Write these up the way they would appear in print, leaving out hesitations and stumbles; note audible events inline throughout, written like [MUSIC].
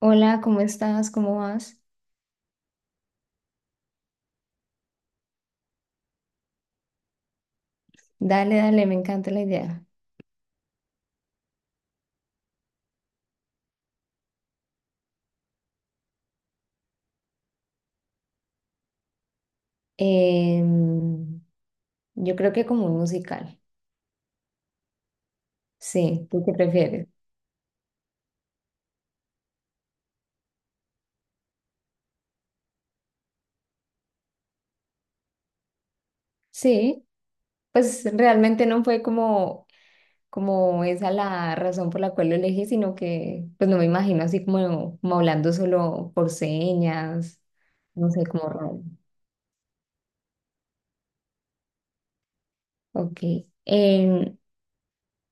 Hola, ¿cómo estás? ¿Cómo vas? Dale, dale, me encanta la idea. Em, yo creo que como un musical. Sí, ¿tú qué prefieres? Sí, pues realmente no fue como esa la razón por la cual lo elegí, sino que pues no me imagino así como hablando solo por señas, no sé, como raro. Ok. Em,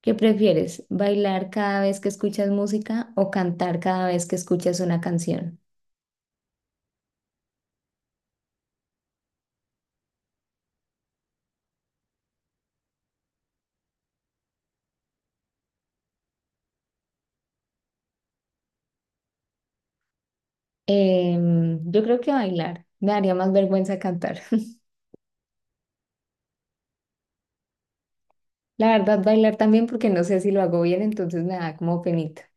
¿Qué prefieres? ¿Bailar cada vez que escuchas música o cantar cada vez que escuchas una canción? Yo creo que bailar. Me daría más vergüenza cantar. [LAUGHS] La verdad, bailar también porque no sé si lo hago bien, entonces me da como penita.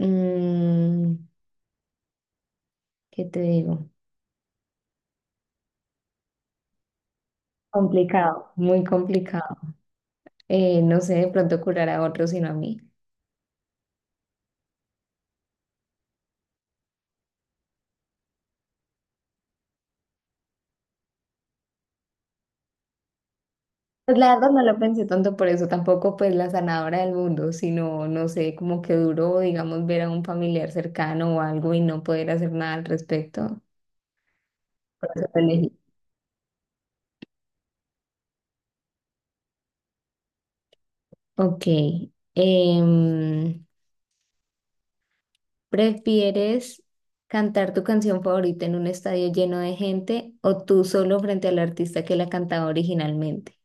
Mm, ¿qué te digo? Complicado, muy complicado. No sé, de pronto curar a otros, sino a mí. Pues la verdad no lo pensé tanto por eso, tampoco pues la sanadora del mundo, sino, no sé, como que duro, digamos, ver a un familiar cercano o algo y no poder hacer nada al respecto. Por eso lo elegí. Ok. em, ¿Prefieres cantar tu canción favorita en un estadio lleno de gente o tú solo frente al artista que la cantaba originalmente?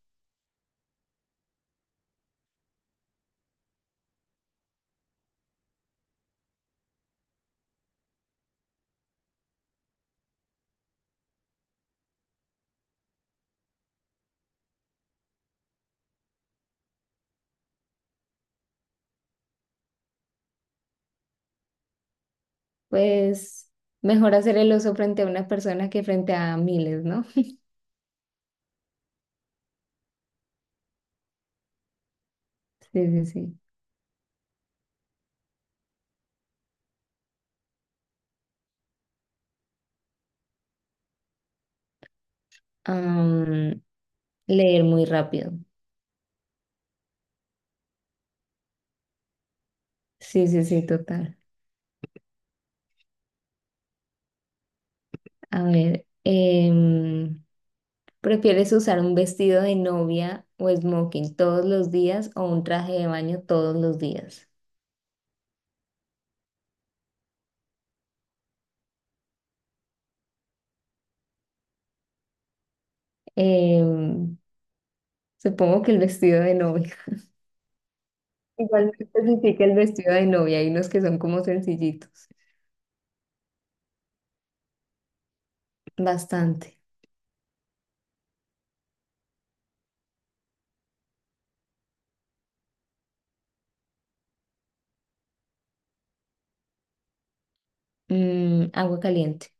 Pues mejor hacer el oso frente a una persona que frente a miles, ¿no? Sí, sí, sí. Am, Leer muy rápido. Sí, sí, sí, total. A ver, ¿prefieres usar un vestido de novia o smoking todos los días o un traje de baño todos los días? Em, Supongo que el vestido de novia. Igual me especifica el vestido de novia y los que son como sencillitos. Bastante. Mm, agua caliente.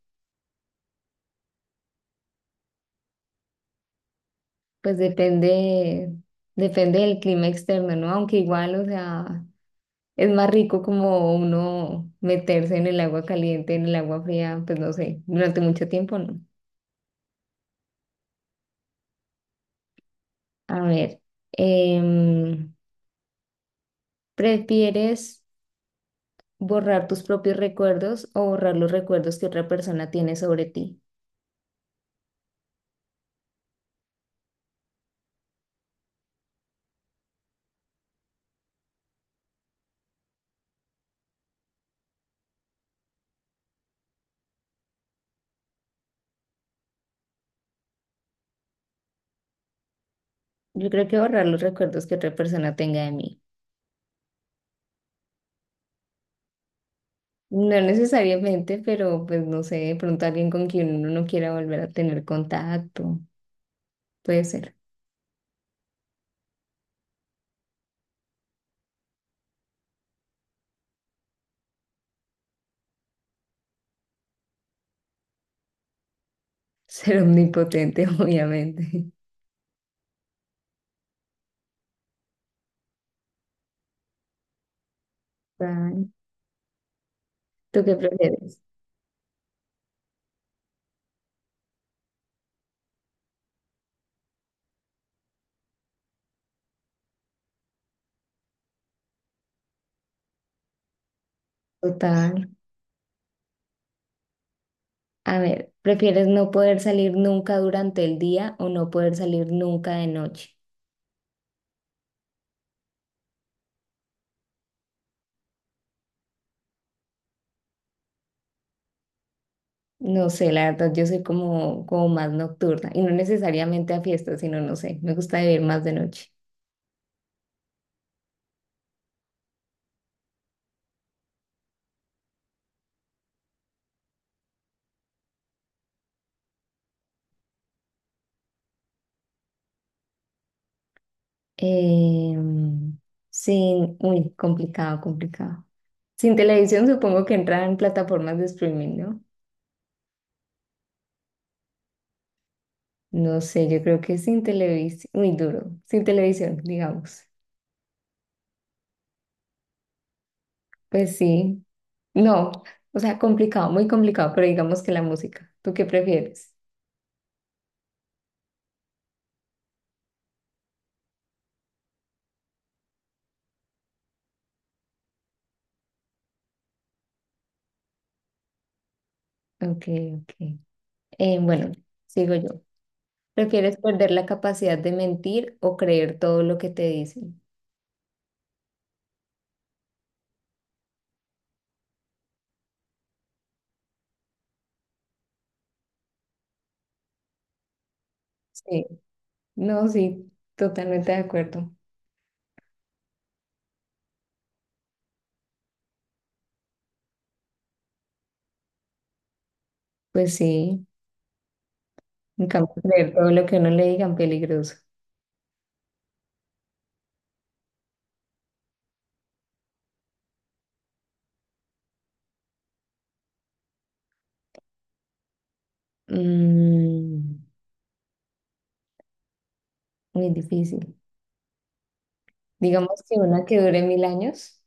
Pues depende, depende del clima externo, ¿no? Aunque igual, o sea, es más rico como uno meterse en el agua caliente, en el agua fría, pues no sé, durante mucho tiempo, ¿no? A ver, em, ¿prefieres borrar tus propios recuerdos o borrar los recuerdos que otra persona tiene sobre ti? Yo creo que borrar los recuerdos que otra persona tenga de mí. No necesariamente, pero pues no sé, de pronto alguien con quien uno no quiera volver a tener contacto. Puede ser. Ser omnipotente, [LAUGHS] obviamente. Total. ¿Tú qué prefieres? Total. A ver, ¿prefieres no poder salir nunca durante el día o no poder salir nunca de noche? No sé, la verdad, yo soy como más nocturna y no necesariamente a fiestas, sino no sé, me gusta vivir más de noche. Em, sí, muy complicado, complicado. Sin televisión supongo que entrarán plataformas de streaming, ¿no? No sé, yo creo que sin televisión, muy duro, sin televisión, digamos. Pues sí, no, o sea, complicado, muy complicado, pero digamos que la música. ¿Tú qué prefieres? Ok, ok. Bueno, sigo yo. ¿Prefieres perder la capacidad de mentir o creer todo lo que te dicen? Sí, no, sí, totalmente de acuerdo. Pues sí, en cambio, creer todo lo que uno le digan peligroso. Mm, muy difícil. Digamos que una que dure 1000 años.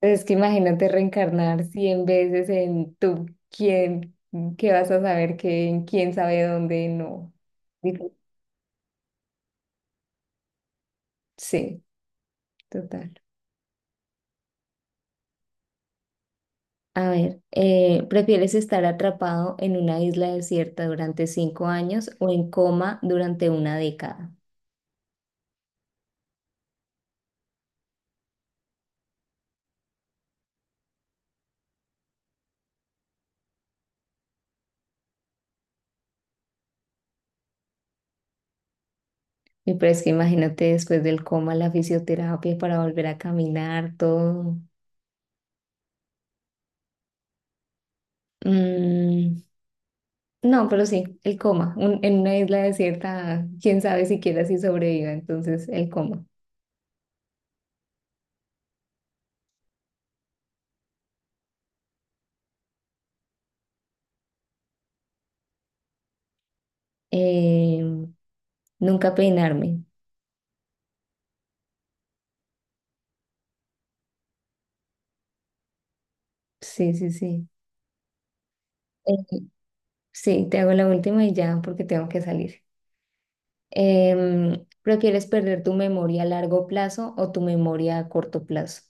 Entonces, es que imagínate reencarnar 100 veces en tú, quién, qué vas a saber, qué en quién sabe dónde, no. Digo, sí, total. A ver, ¿prefieres estar atrapado en una isla desierta durante 5 años o en coma durante una década? Y pero es que imagínate después del coma, la fisioterapia para volver a caminar, todo. Mm, no, pero sí, el coma. En una isla desierta, quién sabe siquiera si sobreviva, entonces el coma. Eh, nunca peinarme. Sí, sí, sí. Eh, sí, te hago la última y ya, porque tengo que salir. Em, ¿prefieres perder tu memoria a largo plazo o tu memoria a corto plazo?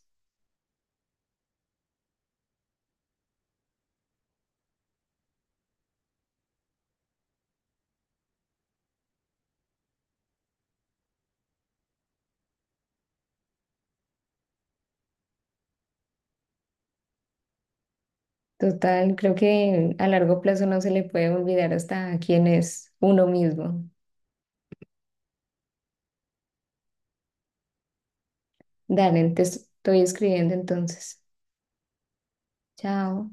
Total, creo que a largo plazo no se le puede olvidar hasta quién es uno mismo. Dale, te estoy escribiendo entonces. Chao.